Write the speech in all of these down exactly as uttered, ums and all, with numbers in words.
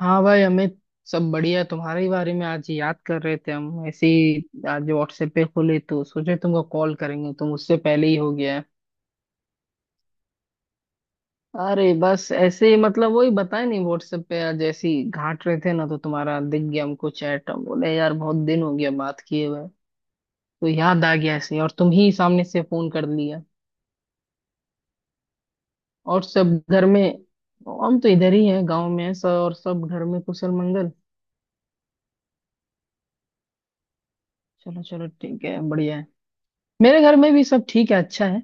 हाँ भाई अमित। सब बढ़िया। तुम्हारे ही बारे में आज याद कर रहे थे हम ऐसे ही। आज व्हाट्सएप पे खुले तो सोचे तुमको कॉल करेंगे, तुम उससे पहले ही हो गया। अरे बस ऐसे ही, मतलब वही बताया नहीं, व्हाट्सएप पे आज ऐसे ही घाट रहे थे ना, तो तुम्हारा दिख गया हमको चैट। हम बोले यार बहुत दिन हो गया बात किए हुए, तो याद आ गया ऐसे और तुम ही सामने से फोन कर लिया। और सब घर में? हम तो इधर ही हैं, गांव में हैं सब, और सब घर में कुशल मंगल। चलो चलो ठीक है, बढ़िया है। मेरे घर में भी सब ठीक है, अच्छा है।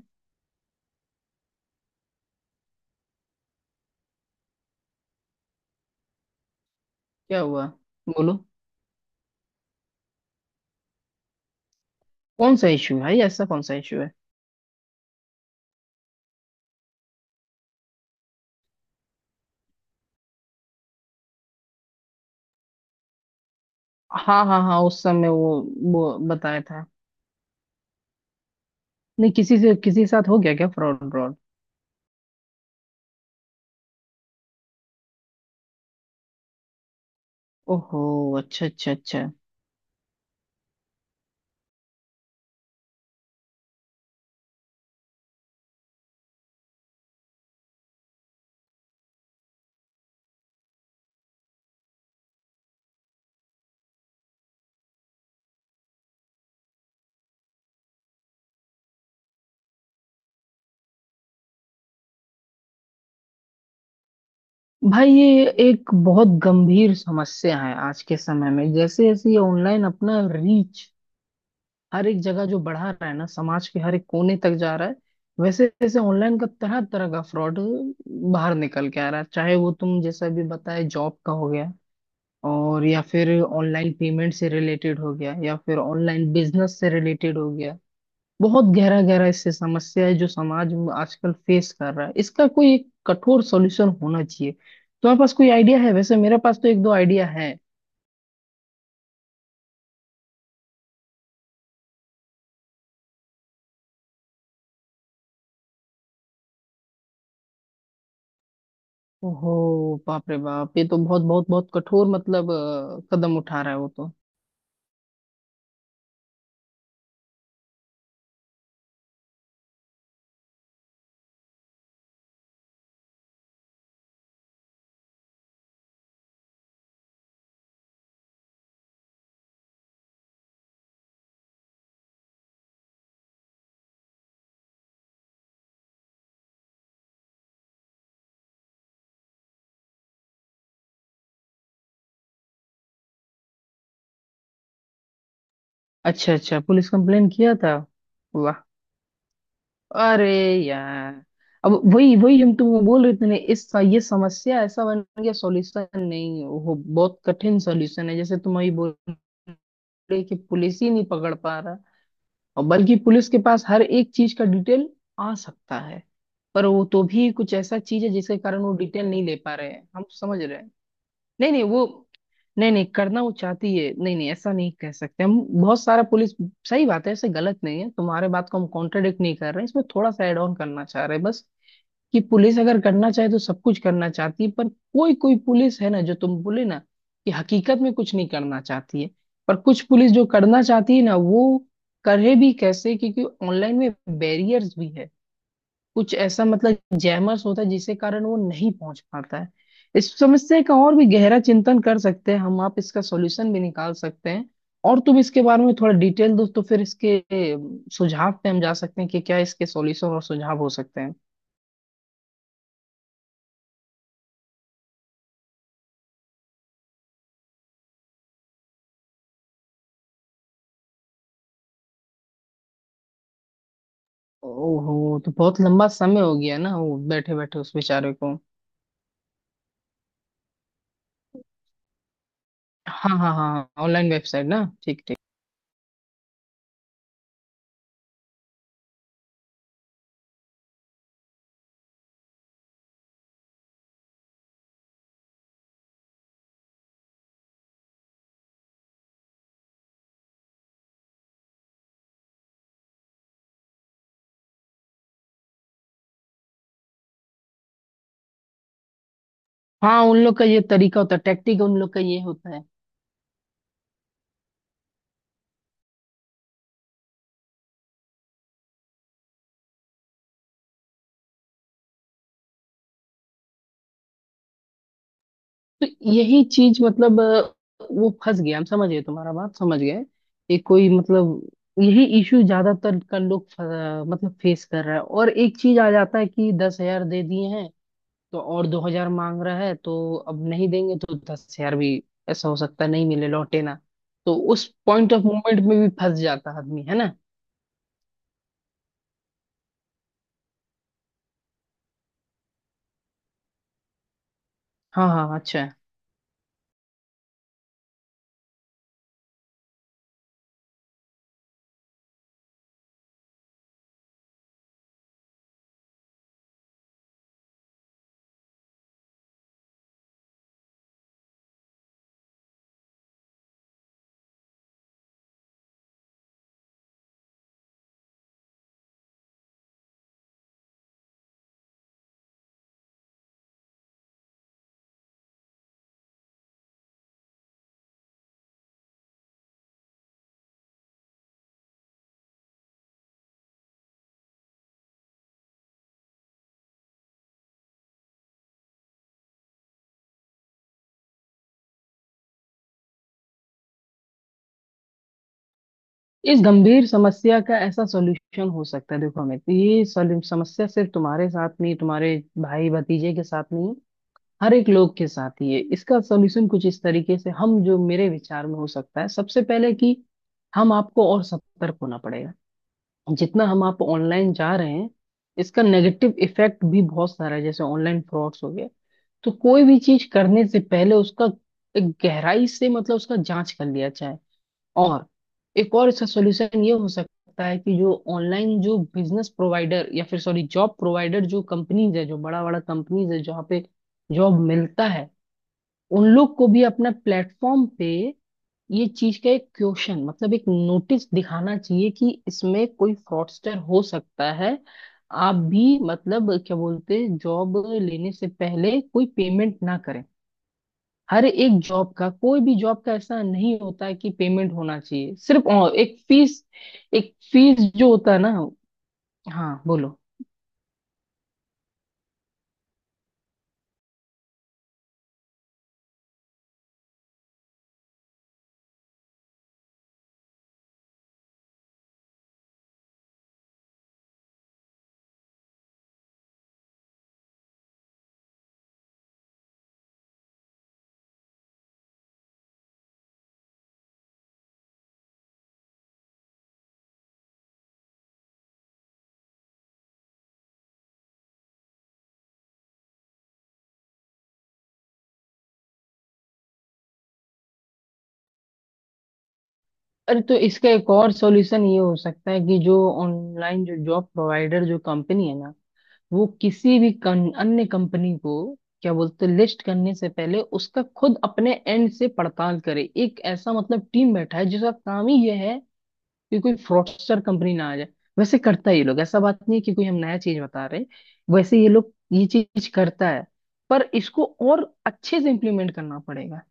क्या हुआ? बोलो। कौन सा इशू भाई, ऐसा कौन सा इशू है? हाँ हाँ हाँ, उस समय वो वो बताया था। नहीं, किसी से किसी के साथ हो गया क्या फ्रॉड व्रॉड? ओहो। अच्छा अच्छा अच्छा। भाई ये एक बहुत गंभीर समस्या है आज के समय में। जैसे जैसे ये ऑनलाइन अपना रीच हर एक जगह जो बढ़ा रहा है ना, समाज के हर एक कोने तक जा रहा है, वैसे वैसे ऑनलाइन का तरह तरह का फ्रॉड बाहर निकल के आ रहा है। चाहे वो तुम जैसा भी बताए जॉब का हो गया, और या फिर ऑनलाइन पेमेंट से रिलेटेड हो गया, या फिर ऑनलाइन बिजनेस से रिलेटेड हो गया। बहुत गहरा गहरा इससे समस्या है जो समाज में आजकल फेस कर रहा है। इसका कोई एक कठोर सॉल्यूशन होना चाहिए। तुम्हारे पास कोई आइडिया है? वैसे मेरे पास तो एक दो आइडिया है। ओहो। बाप रे बाप, ये तो बहुत बहुत बहुत कठोर मतलब अ, कदम उठा रहा है वो तो। अच्छा अच्छा, पुलिस कंप्लेन किया था। वाह। अरे यार, अब वही वही हम तुमको बोल रहे थे ना, इस ये समस्या ऐसा बन गया, सॉल्यूशन नहीं है, वो बहुत कठिन सॉल्यूशन है। जैसे तुम अभी बोल रहे कि पुलिस ही नहीं पकड़ पा रहा। और बल्कि पुलिस के पास हर एक चीज का डिटेल आ सकता है, पर वो तो भी कुछ ऐसा चीज है जिसके कारण वो डिटेल नहीं ले पा रहे हैं, हम समझ रहे हैं। नहीं नहीं वो नहीं नहीं करना वो चाहती है, नहीं नहीं ऐसा नहीं कह सकते हम, बहुत सारा पुलिस सही बात है, ऐसे गलत नहीं है। तुम्हारे बात को हम कॉन्ट्रडिक्ट नहीं कर रहे हैं, इसमें थोड़ा सा एड ऑन करना चाह रहे हैं बस, कि पुलिस अगर करना चाहे तो सब कुछ करना चाहती है, पर कोई कोई पुलिस है ना, जो तुम बोले ना, कि हकीकत में कुछ नहीं करना चाहती है, पर कुछ पुलिस जो करना चाहती है ना, वो करे भी कैसे, क्योंकि ऑनलाइन में बैरियर्स भी है, कुछ ऐसा मतलब जैमर्स होता है जिसके कारण वो नहीं पहुंच पाता है। इस समस्या का और भी गहरा चिंतन कर सकते हैं हम आप, इसका सॉल्यूशन भी निकाल सकते हैं। और तुम इसके बारे में थोड़ा डिटेल दो तो फिर इसके अम, सुझाव पे हम जा सकते हैं कि क्या इसके सॉल्यूशन और सुझाव हो सकते हैं। ओहो, तो बहुत लंबा समय हो गया ना वो बैठे बैठे उस बेचारे को। हाँ हाँ हाँ, ऑनलाइन वेबसाइट ना, ठीक ठीक। हाँ, उन लोग का ये तरीका होता है, टैक्टिक उन लोग का ये होता है। तो यही चीज मतलब अ, वो फंस गया, हम समझ गए, तुम्हारा बात समझ गए। एक कोई मतलब यही इशू ज्यादातर का लोग फ- अ, मतलब फेस कर रहा है। और एक चीज आ जाता है कि दस हजार दे दिए हैं, तो और दो हजार मांग रहा है, तो अब नहीं देंगे तो दस हजार भी ऐसा हो सकता है नहीं मिले लौटे ना, तो उस पॉइंट ऑफ मोमेंट में भी फंस जाता है आदमी, है ना? हाँ हाँ, अच्छा है। इस गंभीर समस्या का ऐसा सॉल्यूशन हो सकता है, देखो अमित। ये सॉल्यू- समस्या सिर्फ तुम्हारे साथ नहीं, तुम्हारे भाई भतीजे के साथ नहीं, हर एक लोग के साथ ही है। इसका सॉल्यूशन कुछ इस तरीके से हम, जो मेरे विचार में हो सकता है, सबसे पहले कि हम आपको और सतर्क होना पड़ेगा। जितना हम आप ऑनलाइन जा रहे हैं, इसका नेगेटिव इफेक्ट भी बहुत सारा है, जैसे ऑनलाइन फ्रॉड्स हो गए। तो कोई भी चीज करने से पहले उसका एक गहराई से मतलब उसका जांच कर लिया जाए। और एक और इसका सॉल्यूशन ये हो सकता है कि जो ऑनलाइन जो बिजनेस प्रोवाइडर या फिर सॉरी जॉब प्रोवाइडर, जो कंपनीज है, जो बड़ा बड़ा कंपनीज है, जहाँ पे जॉब मिलता है, उन लोग को भी अपने प्लेटफॉर्म पे ये चीज का एक क्वेश्चन मतलब एक नोटिस दिखाना चाहिए कि इसमें कोई फ्रॉडस्टर हो सकता है। आप भी मतलब क्या बोलते, जॉब लेने से पहले कोई पेमेंट ना करें। हर एक जॉब का, कोई भी जॉब का ऐसा नहीं होता है कि पेमेंट होना चाहिए, सिर्फ अ, एक फीस, एक फीस जो होता है ना। हाँ बोलो। अरे तो इसका एक और सॉल्यूशन ये हो सकता है कि जो ऑनलाइन जो जॉब प्रोवाइडर जो कंपनी है ना, वो किसी भी कं- अन्य कंपनी को, क्या बोलते हैं, लिस्ट करने से पहले उसका खुद अपने एंड से पड़ताल करे। एक ऐसा मतलब टीम बैठा है जिसका काम ही यह है कि कोई फ्रॉडस्टर कंपनी ना आ जाए। वैसे करता है ये लोग, ऐसा बात नहीं है कि कोई हम नया चीज बता रहे हैं। वैसे ये लोग ये चीज करता है, पर इसको और अच्छे से इम्प्लीमेंट करना पड़ेगा।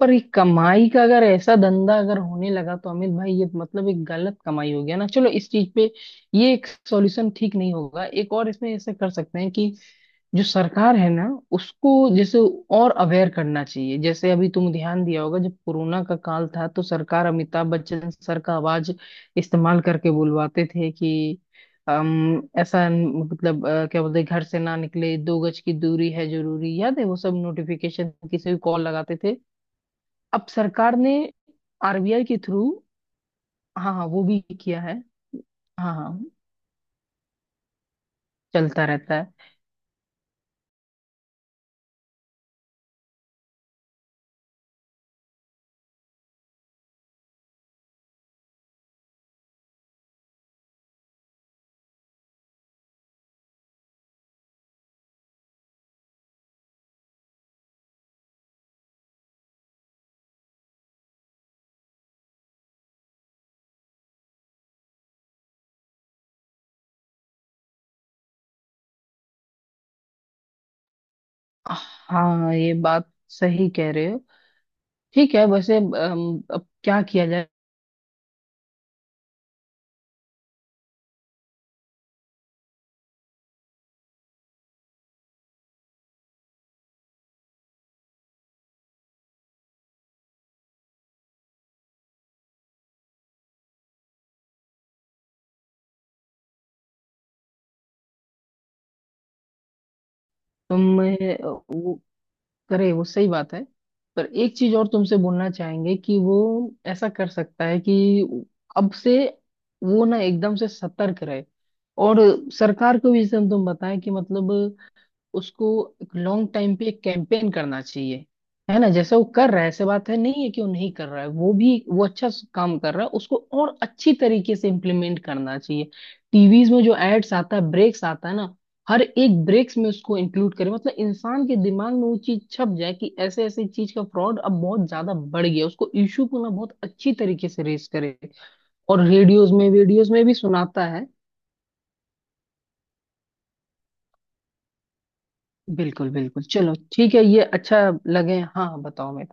पर ये कमाई का अगर ऐसा धंधा अगर होने लगा तो अमित भाई ये मतलब एक गलत कमाई हो गया ना। चलो, इस चीज पे ये एक सॉल्यूशन ठीक नहीं होगा। एक और इसमें ऐसा कर सकते हैं कि जो सरकार है ना, उसको जैसे और अवेयर करना चाहिए। जैसे अभी तुम ध्यान दिया होगा, जब कोरोना का काल था, तो सरकार अमिताभ बच्चन सर का आवाज इस्तेमाल करके बुलवाते थे कि अम, ऐसा न- मतलब अ, क्या बोलते हैं, घर से ना निकले, दो गज की दूरी है जरूरी, याद है? वो सब नोटिफिकेशन किसी को कॉल लगाते थे। अब सरकार ने आर बी आई के थ्रू। हाँ हाँ, वो भी किया है। हाँ हाँ, चलता रहता है। हाँ, ये बात सही कह रहे हो। ठीक है, वैसे अम, अब क्या किया जाए? तुम अ, वो करे, वो सही बात है, पर एक चीज और तुमसे बोलना चाहेंगे कि वो ऐसा कर सकता है कि अब से वो ना एकदम से सतर्क रहे। और सरकार को भी तुम तुम बताएं कि मतलब उसको लॉन्ग टाइम पे एक कैंपेन करना चाहिए। है ना, जैसे वो कर रहा है, ऐसे बात है नहीं है कि वो नहीं कर रहा है, वो भी वो अच्छा स- काम कर रहा है, उसको और अच्छी तरीके से इम्प्लीमेंट करना चाहिए। टीवीज में जो एड्स आता है, ब्रेक्स आता है ना, हर एक ब्रेक्स में उसको इंक्लूड करें, मतलब इंसान के दिमाग में वो चीज छप जाए कि ऐसे ऐसे चीज का फ्रॉड अब बहुत ज्यादा बढ़ गया, उसको इशू को ना बहुत अच्छी तरीके से रेस करे। और रेडियोज में वीडियोज में भी सुनाता है। बिल्कुल बिल्कुल, चलो ठीक है, ये अच्छा लगे। हाँ हाँ, बताओ मेरे।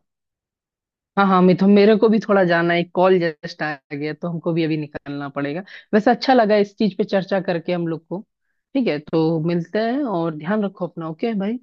हाँ हाँ मिथुन, मेरे को भी थोड़ा जाना है, एक कॉल जस्ट आ गया, तो हमको भी अभी निकलना पड़ेगा। वैसे अच्छा लगा इस चीज पे चर्चा करके हम लोग को। ठीक है, तो मिलते हैं, और ध्यान रखो अपना। ओके भाई।